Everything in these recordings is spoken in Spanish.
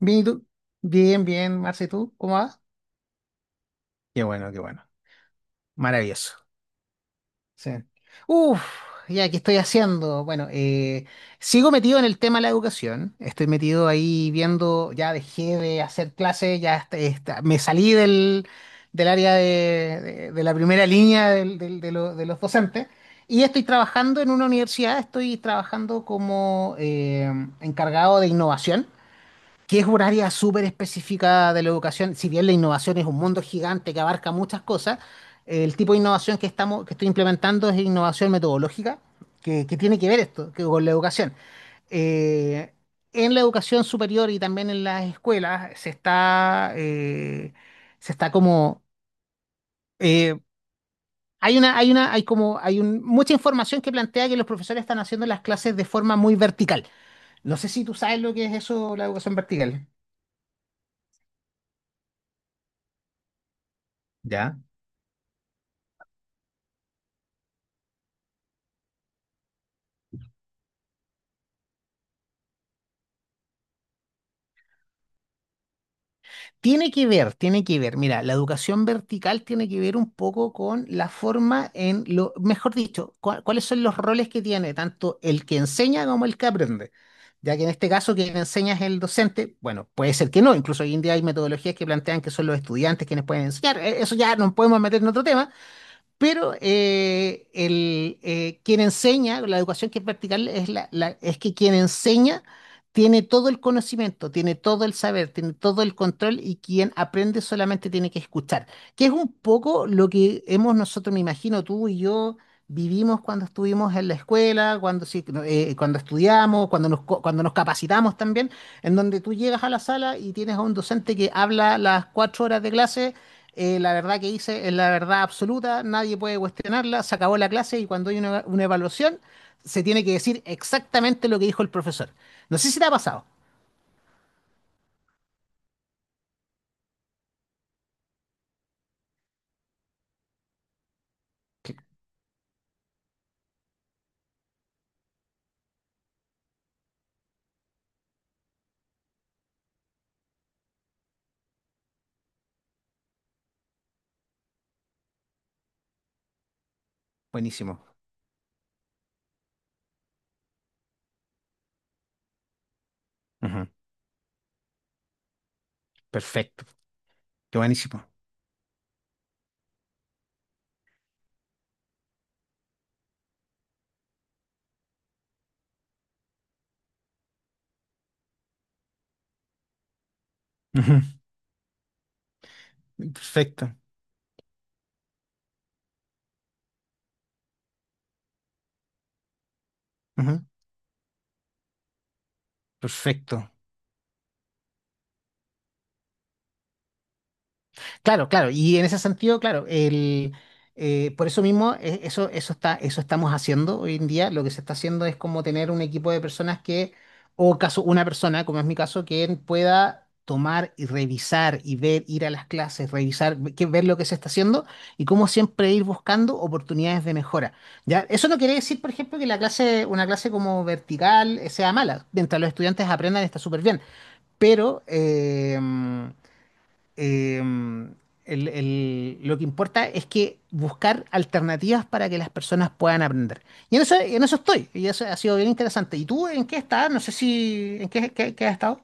Bien, ¿y tú? Bien, bien, Marce, ¿y tú? ¿Cómo vas? Qué bueno, qué bueno. Maravilloso. Sí. Uf, ya, ¿qué estoy haciendo? Bueno, sigo metido en el tema de la educación. Estoy metido ahí viendo, ya dejé de hacer clases, me salí del área de la primera línea de los docentes y estoy trabajando en una universidad, estoy trabajando como encargado de innovación. Que es un área súper específica de la educación, si bien la innovación es un mundo gigante que abarca muchas cosas, el tipo de innovación que estoy implementando es innovación metodológica, que tiene que ver esto que con la educación. Eh, en la educación superior y también en las escuelas se se está como eh, hay una, hay una, hay como, hay un- mucha información que plantea que los profesores están haciendo las clases de forma muy vertical. No sé si tú sabes lo que es eso, la educación vertical. ¿Ya? Tiene que ver, tiene que ver. Mira, la educación vertical tiene que ver un poco con la forma en lo, mejor dicho, cuáles son los roles que tiene tanto el que enseña como el que aprende. Ya que en este caso quien enseña es el docente, bueno, puede ser que no, incluso hoy en día hay metodologías que plantean que son los estudiantes quienes pueden enseñar. Eso ya nos podemos meter en otro tema, pero quien enseña, la educación que es vertical, es que quien enseña tiene todo el conocimiento, tiene todo el saber, tiene todo el control y quien aprende solamente tiene que escuchar, que es un poco lo que hemos nosotros, me imagino, tú y yo vivimos cuando estuvimos en la escuela, cuando, sí, no, cuando estudiamos, cuando nos capacitamos también, en donde tú llegas a la sala y tienes a un docente que habla las cuatro horas de clase. La verdad que hice es la verdad absoluta, nadie puede cuestionarla, se acabó la clase y cuando hay una evaluación se tiene que decir exactamente lo que dijo el profesor. No sé si te ha pasado. Qué buenísimo. Ujú. Perfecto. Qué buenísimo. Ujú. Perfecto. Ujú. Perfecto. Claro, claro, y en ese sentido, claro, por eso mismo, eso está, eso estamos haciendo hoy en día. Lo que se está haciendo es como tener un equipo de personas que, o caso, una persona, como es mi caso, que pueda tomar y revisar y ver, ir a las clases, revisar, ver lo que se está haciendo y como siempre ir buscando oportunidades de mejora. ¿Ya? Eso no quiere decir, por ejemplo, que la clase, una clase como vertical, sea mala. Mientras los estudiantes aprendan, está súper bien, pero eh, lo que importa es que buscar alternativas para que las personas puedan aprender. Y en eso estoy, y eso ha sido bien interesante. ¿Y tú en qué estás? No sé si, ¿en qué, qué has estado?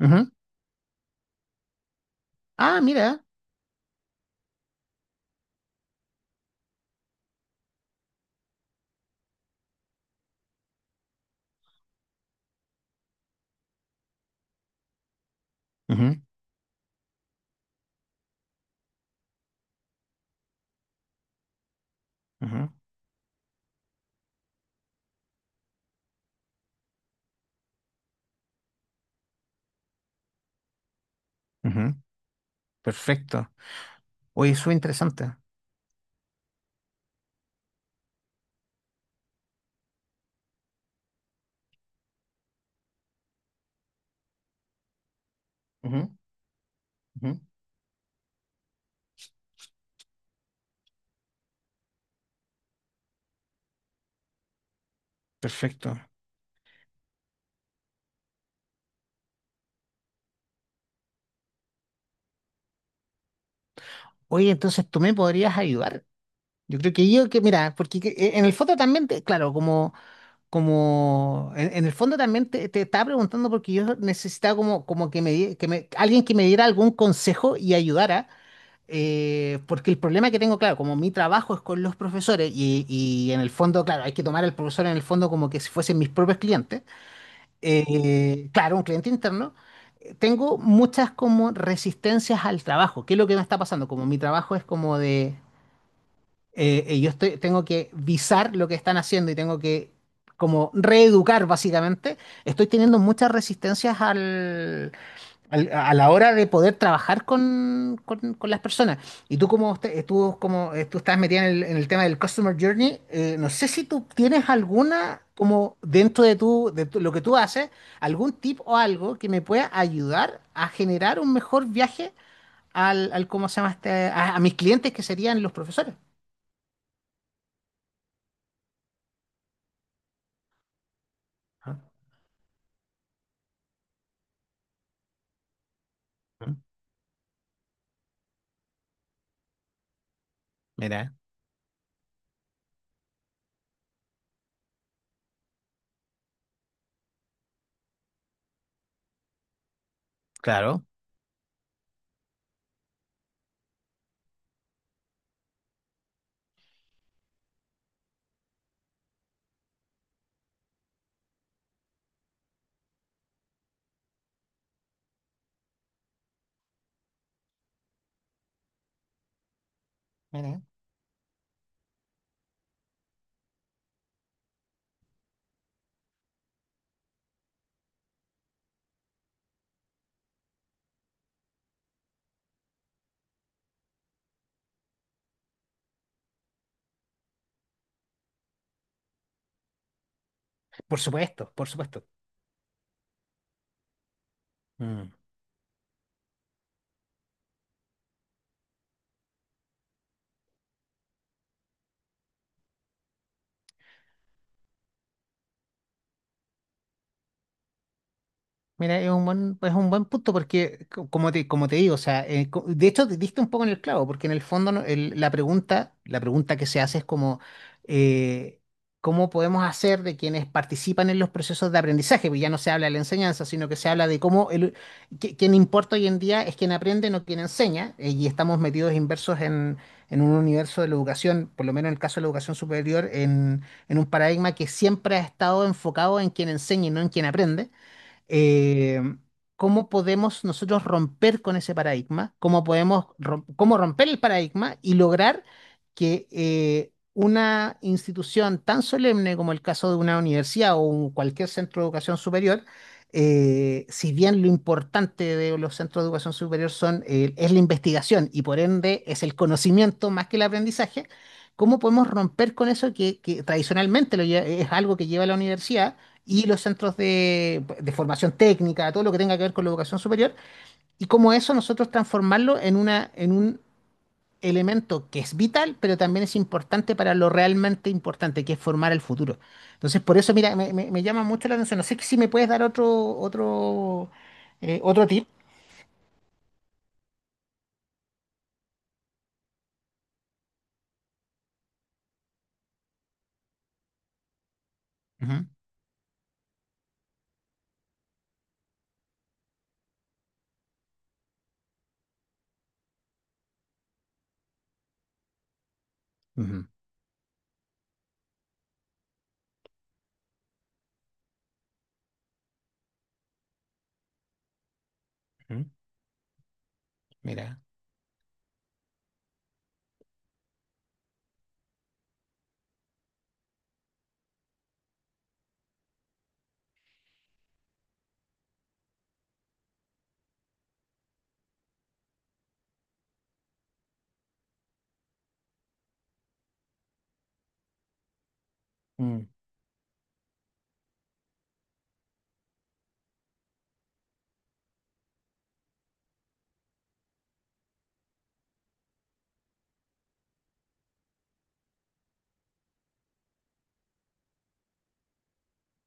Ujú. Ah, mira. Ujú, ujú, ujú. Perfecto. Oye, eso es interesante. Ujú, ujú. Perfecto. Oye, entonces tú me podrías ayudar. Yo creo que mira, porque en el foto también, claro, como... Como en el fondo también te estaba preguntando porque yo necesitaba como, como que me, di- que me- alguien que me diera algún consejo y ayudara, porque el problema que tengo, claro, como mi trabajo es con los profesores y en el fondo, claro, hay que tomar al profesor en el fondo como que si fuesen mis propios clientes. Claro, un cliente interno. Tengo muchas como resistencias al trabajo, qué es lo que me está pasando, como mi trabajo es como yo estoy, tengo que visar lo que están haciendo y tengo que como reeducar básicamente, estoy teniendo muchas resistencias a la hora de poder trabajar con las personas. Y tú como, tú como tú estás metida en el tema del Customer Journey, no sé si tú tienes alguna, como dentro de, lo que tú haces, algún tip o algo que me pueda ayudar a generar un mejor viaje al, al, ¿cómo se llama este? A a mis clientes que serían los profesores. Ah, mira, claro. Mira. Por supuesto, por supuesto. Mm. Mira, es un buen punto porque, como te digo, o sea, de hecho te diste un poco en el clavo, porque en el fondo la pregunta que se hace es como, eh, ¿cómo podemos hacer de quienes participan en los procesos de aprendizaje? Porque ya no se habla de la enseñanza, sino que se habla de quien importa hoy en día es quien aprende, no quien enseña. Y estamos metidos inversos en un universo de la educación, por lo menos en el caso de la educación superior, en un paradigma que siempre ha estado enfocado en quien enseña y no en quien aprende. eh, cómo podemos nosotros romper con ese paradigma, cómo cómo romper el paradigma y lograr que una institución tan solemne como el caso de una universidad o cualquier centro de educación superior, si bien lo importante de los centros de educación superior es la investigación y por ende es el conocimiento más que el aprendizaje, ¿cómo podemos romper con eso que tradicionalmente es algo que lleva la universidad? Y los centros de formación técnica, todo lo que tenga que ver con la educación superior, y cómo eso nosotros transformarlo en una, en un elemento que es vital, pero también es importante para lo realmente importante, que es formar el futuro. Entonces, por eso, mira, me llama mucho la atención. No sé si me puedes dar otro, otro, otro tip. Ujú, ujú. Ujú. Mira. Mm,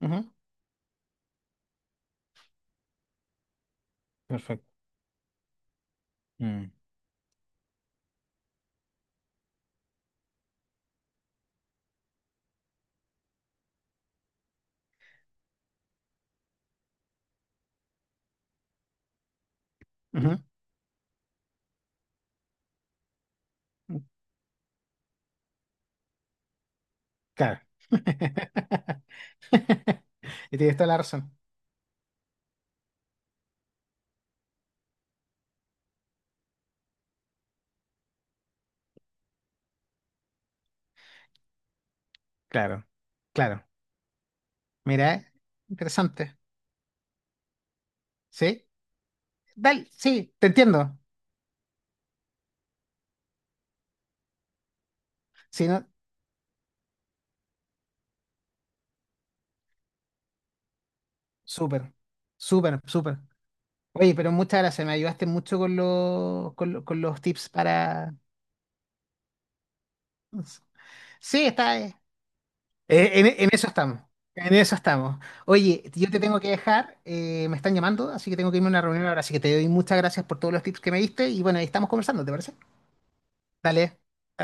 ujú, perfecto. Mm. Ujú. Claro. Y tienes toda la razón. Claro, claro. Mira, interesante. ¿Sí? Dale, sí, te entiendo. Sí, no, súper, súper, súper. Oye, pero muchas gracias, me ayudaste mucho con los, con, con los tips para... Sí, en eso estamos, en eso estamos. Oye, yo te tengo que dejar, me están llamando, así que tengo que irme a una reunión ahora, así que te doy muchas gracias por todos los tips que me diste y bueno, ahí estamos conversando, ¿te parece? Dale,